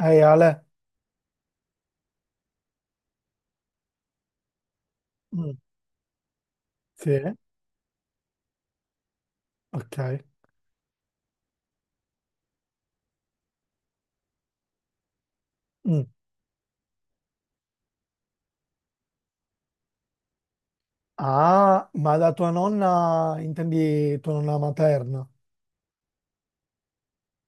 Ehi Ale. Mm. Sì, ok. Mm. Ah, ma da tua nonna intendi tua nonna materna?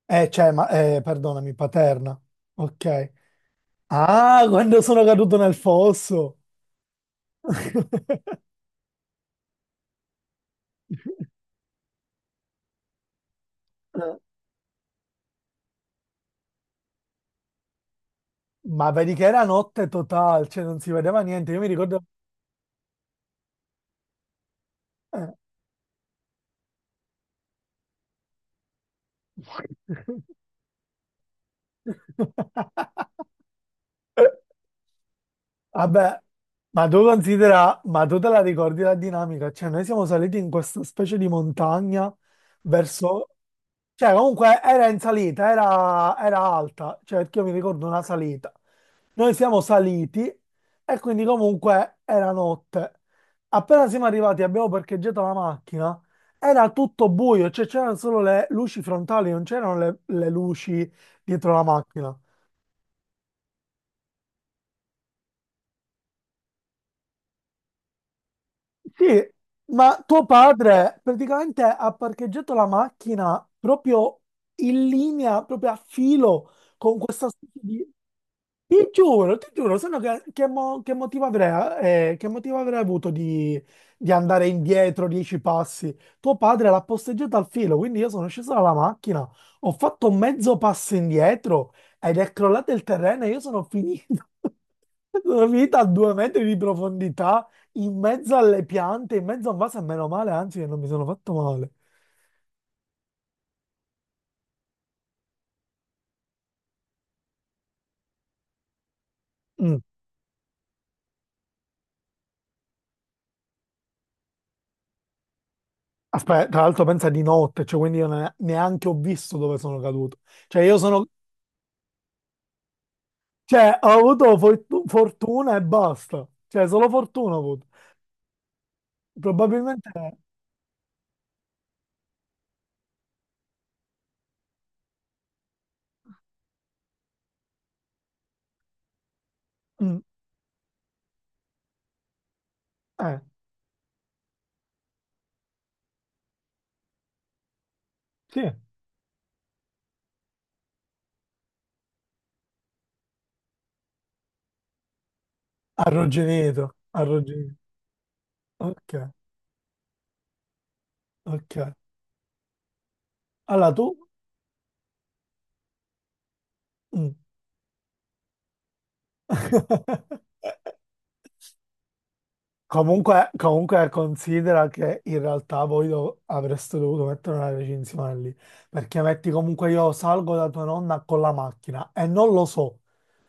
Cioè, ma, perdonami, paterna. Ok. Ah, quando sono caduto nel fosso. Ma vedi che era notte totale, cioè non si vedeva niente. Io mi ricordo... eh. Vabbè, ma tu considera, ma tu te la ricordi la dinamica? Cioè, noi siamo saliti in questa specie di montagna verso... Cioè, comunque era in salita, era alta, cioè perché io mi ricordo una salita. Noi siamo saliti e quindi comunque era notte. Appena siamo arrivati, abbiamo parcheggiato la macchina, era tutto buio, cioè c'erano solo le luci frontali, non c'erano le luci dietro la macchina. Sì, ma tuo padre praticamente ha parcheggiato la macchina proprio in linea, proprio a filo con questa specie di... ti giuro, se no che motivo avrei, che motivo avrei avuto di, andare indietro 10 passi? Tuo padre l'ha posteggiata al filo, quindi io sono sceso dalla macchina, ho fatto mezzo passo indietro ed è crollato il terreno e io sono finito. Sono finito a 2 metri di profondità, in mezzo alle piante, in mezzo a un vaso, e meno male, anzi, che non mi sono fatto male. Mm. Aspetta, tra l'altro pensa di notte, cioè quindi io neanche ho visto dove sono caduto. Cioè io sono. Cioè, ho avuto fortuna e basta. Cioè, solo fortuna ho avuto. Probabilmente... Mm, eh, sì. Arrugginito, arrugginito. Ok, ok. Allora, tu... Mm. Comunque, considera che in realtà voi avreste dovuto mettere una recinzione lì, perché metti comunque io salgo da tua nonna con la macchina e non lo so.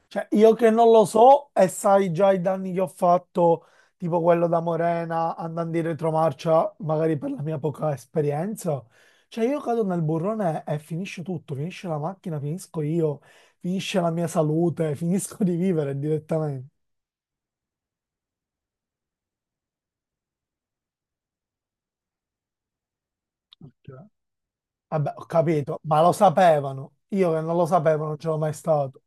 Cioè, io che non lo so e sai già i danni che ho fatto, tipo quello da Morena, andando in retromarcia, magari per la mia poca esperienza. Cioè, io cado nel burrone e finisce tutto, finisce la macchina, finisco io, finisce la mia salute, finisco di vivere direttamente. Cioè, vabbè, ho capito, ma lo sapevano. Io che non lo sapevo non c'ero mai stato.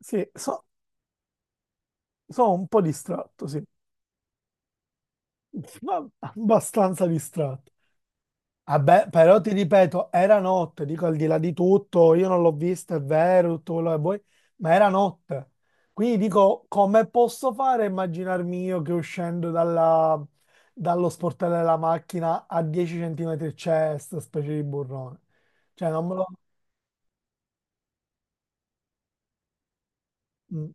Sì, sono un po' distratto, sì, ma abbastanza distratto. Vabbè, però ti ripeto, era notte, dico al di là di tutto, io non l'ho vista, è vero, tutto quello che vuoi, ma era notte. Quindi dico, come posso fare a immaginarmi io che uscendo dallo sportello della macchina a 10 centimetri c'è questa specie di burrone? Cioè, non me lo... Mm.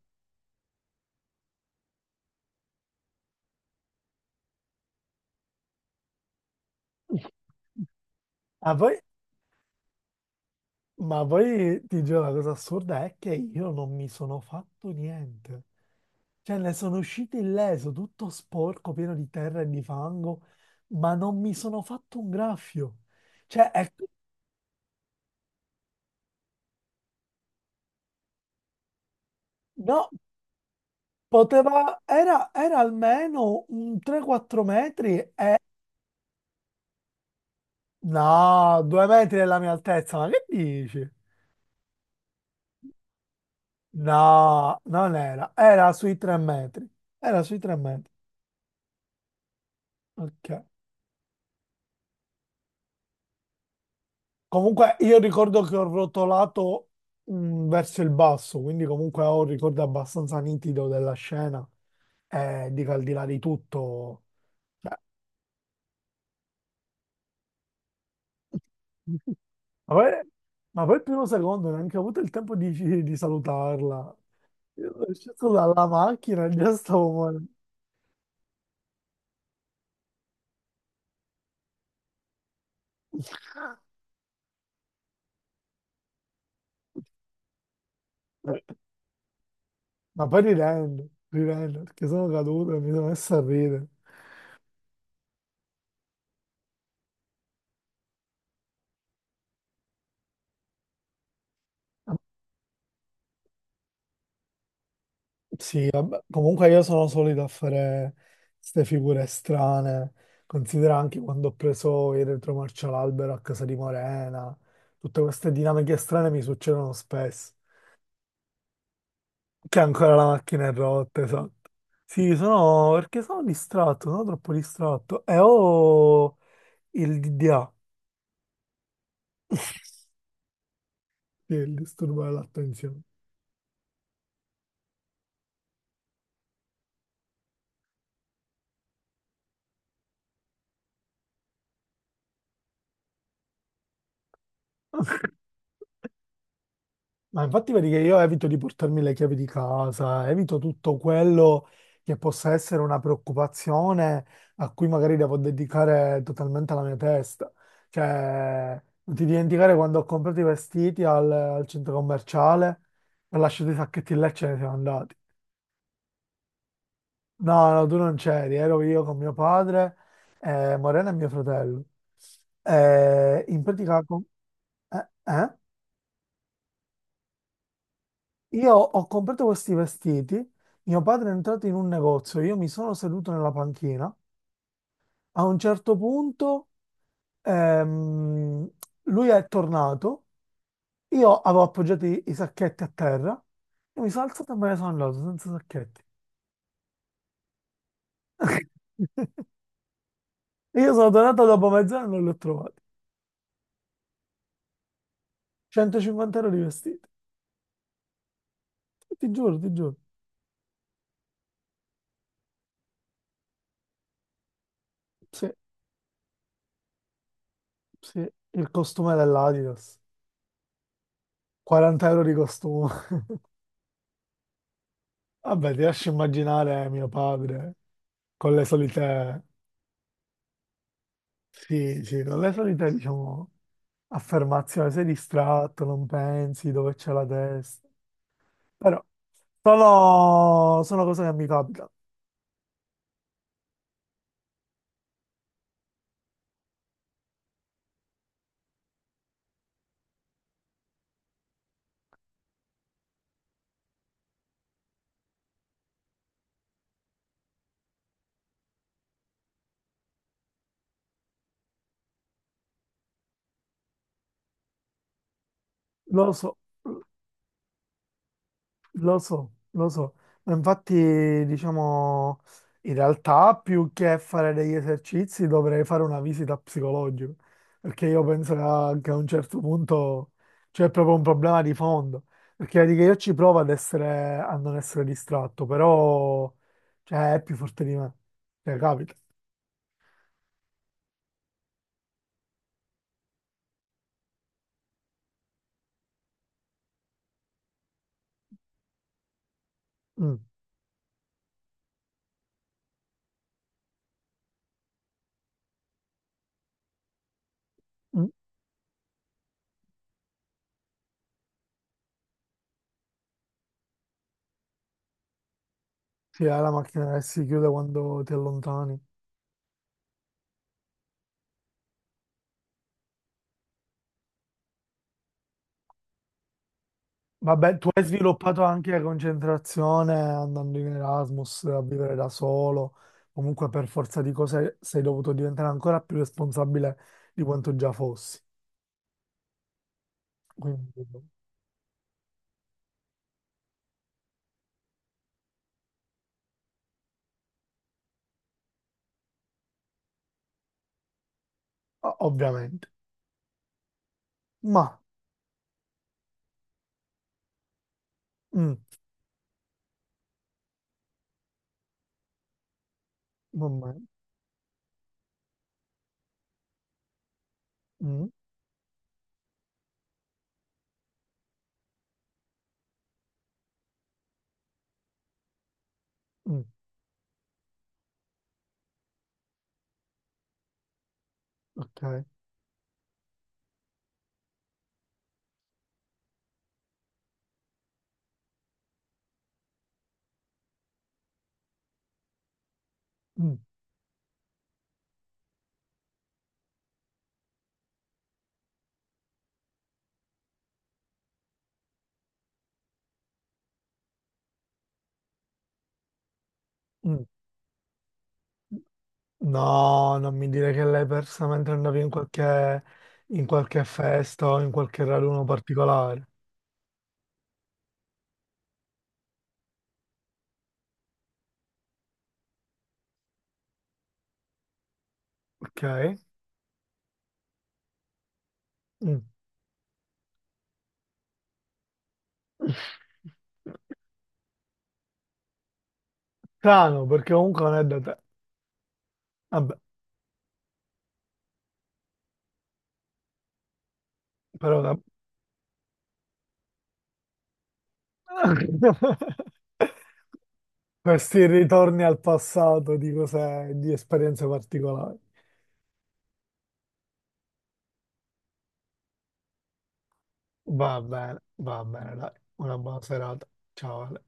Ah, poi Ma poi ti giuro, la cosa assurda è che io non mi sono fatto niente. Cioè, ne sono uscito illeso, tutto sporco, pieno di terra e di fango, ma non mi sono fatto un graffio. Cioè, no, poteva, era almeno un 3-4 metri e... No, 2 metri della mia altezza, ma che dici? No, non era, era sui 3 metri, era sui 3 metri. Ok. Comunque io ricordo che ho rotolato verso il basso, quindi comunque ho un ricordo abbastanza nitido della scena e dico al di là di tutto. Cioè, ma poi, il primo secondo neanche ho avuto il tempo di salutarla. Io sono sceso dalla macchina e già stavo morendo. Ma poi ridendo, ridendo, perché sono caduto e mi sono messo a ridere. Sì, vabbè, comunque io sono solito a fare queste figure strane. Considera anche quando ho preso il retromarcia all'albero a casa di Morena. Tutte queste dinamiche strane mi succedono spesso. Che ancora la macchina è rotta, esatto. Sì, sono perché sono distratto, sono troppo distratto. E ho il DDA, sì, il disturbo dell'attenzione. Ma infatti vedi che io evito di portarmi le chiavi di casa, evito tutto quello che possa essere una preoccupazione a cui magari devo dedicare totalmente la mia testa. Cioè, non ti dimenticare quando ho comprato i vestiti al centro commerciale, ho lasciato i sacchetti là e ce ne siamo andati. No, no, tu non c'eri, ero io con mio padre, Morena e mio fratello. In pratica... eh? Io ho comprato questi vestiti, mio padre è entrato in un negozio, io mi sono seduto nella panchina, a un certo punto ehm, lui è tornato, io avevo appoggiato i sacchetti a terra, e mi sono alzato e me ne sono andato senza sacchetti. Io sono tornato dopo mezz'ora e non li ho trovati. 150 € di vestiti, ti giuro, ti giuro. Sì, sì, il costume dell'Adidas, 40 € di costume. Vabbè, ti lascio immaginare mio padre. Con le solite, sì, sì, con le solite, diciamo, affermazioni, sei distratto, non pensi dove c'è la testa. Però sono cose che mi capitano, lo so. Lo so, lo so, ma infatti diciamo in realtà più che fare degli esercizi dovrei fare una visita psicologica, perché io penso che a un certo punto c'è proprio un problema di fondo, perché vedi che io ci provo ad essere, a non essere distratto, però cioè, è più forte di me, cioè capita. Mm, mm. Sì, è la macchina che si chiude quando ti allontani. Vabbè, tu hai sviluppato anche la concentrazione andando in Erasmus a vivere da solo. Comunque, per forza di cose, sei dovuto diventare ancora più responsabile di quanto già fossi. Quindi, ovviamente. Ma, mm, vabbè, mm, mm, ok. Mm, mm. No, non mi dire che l'hai persa mentre andavi in qualche, festa o in qualche raduno particolare. Ok? Mm. Strano, perché comunque non è da te. Vabbè, però vabbè. Questi ritorni al passato di cose, di esperienze particolari. Va bene, dai. Una buona serata. Ciao, Ale.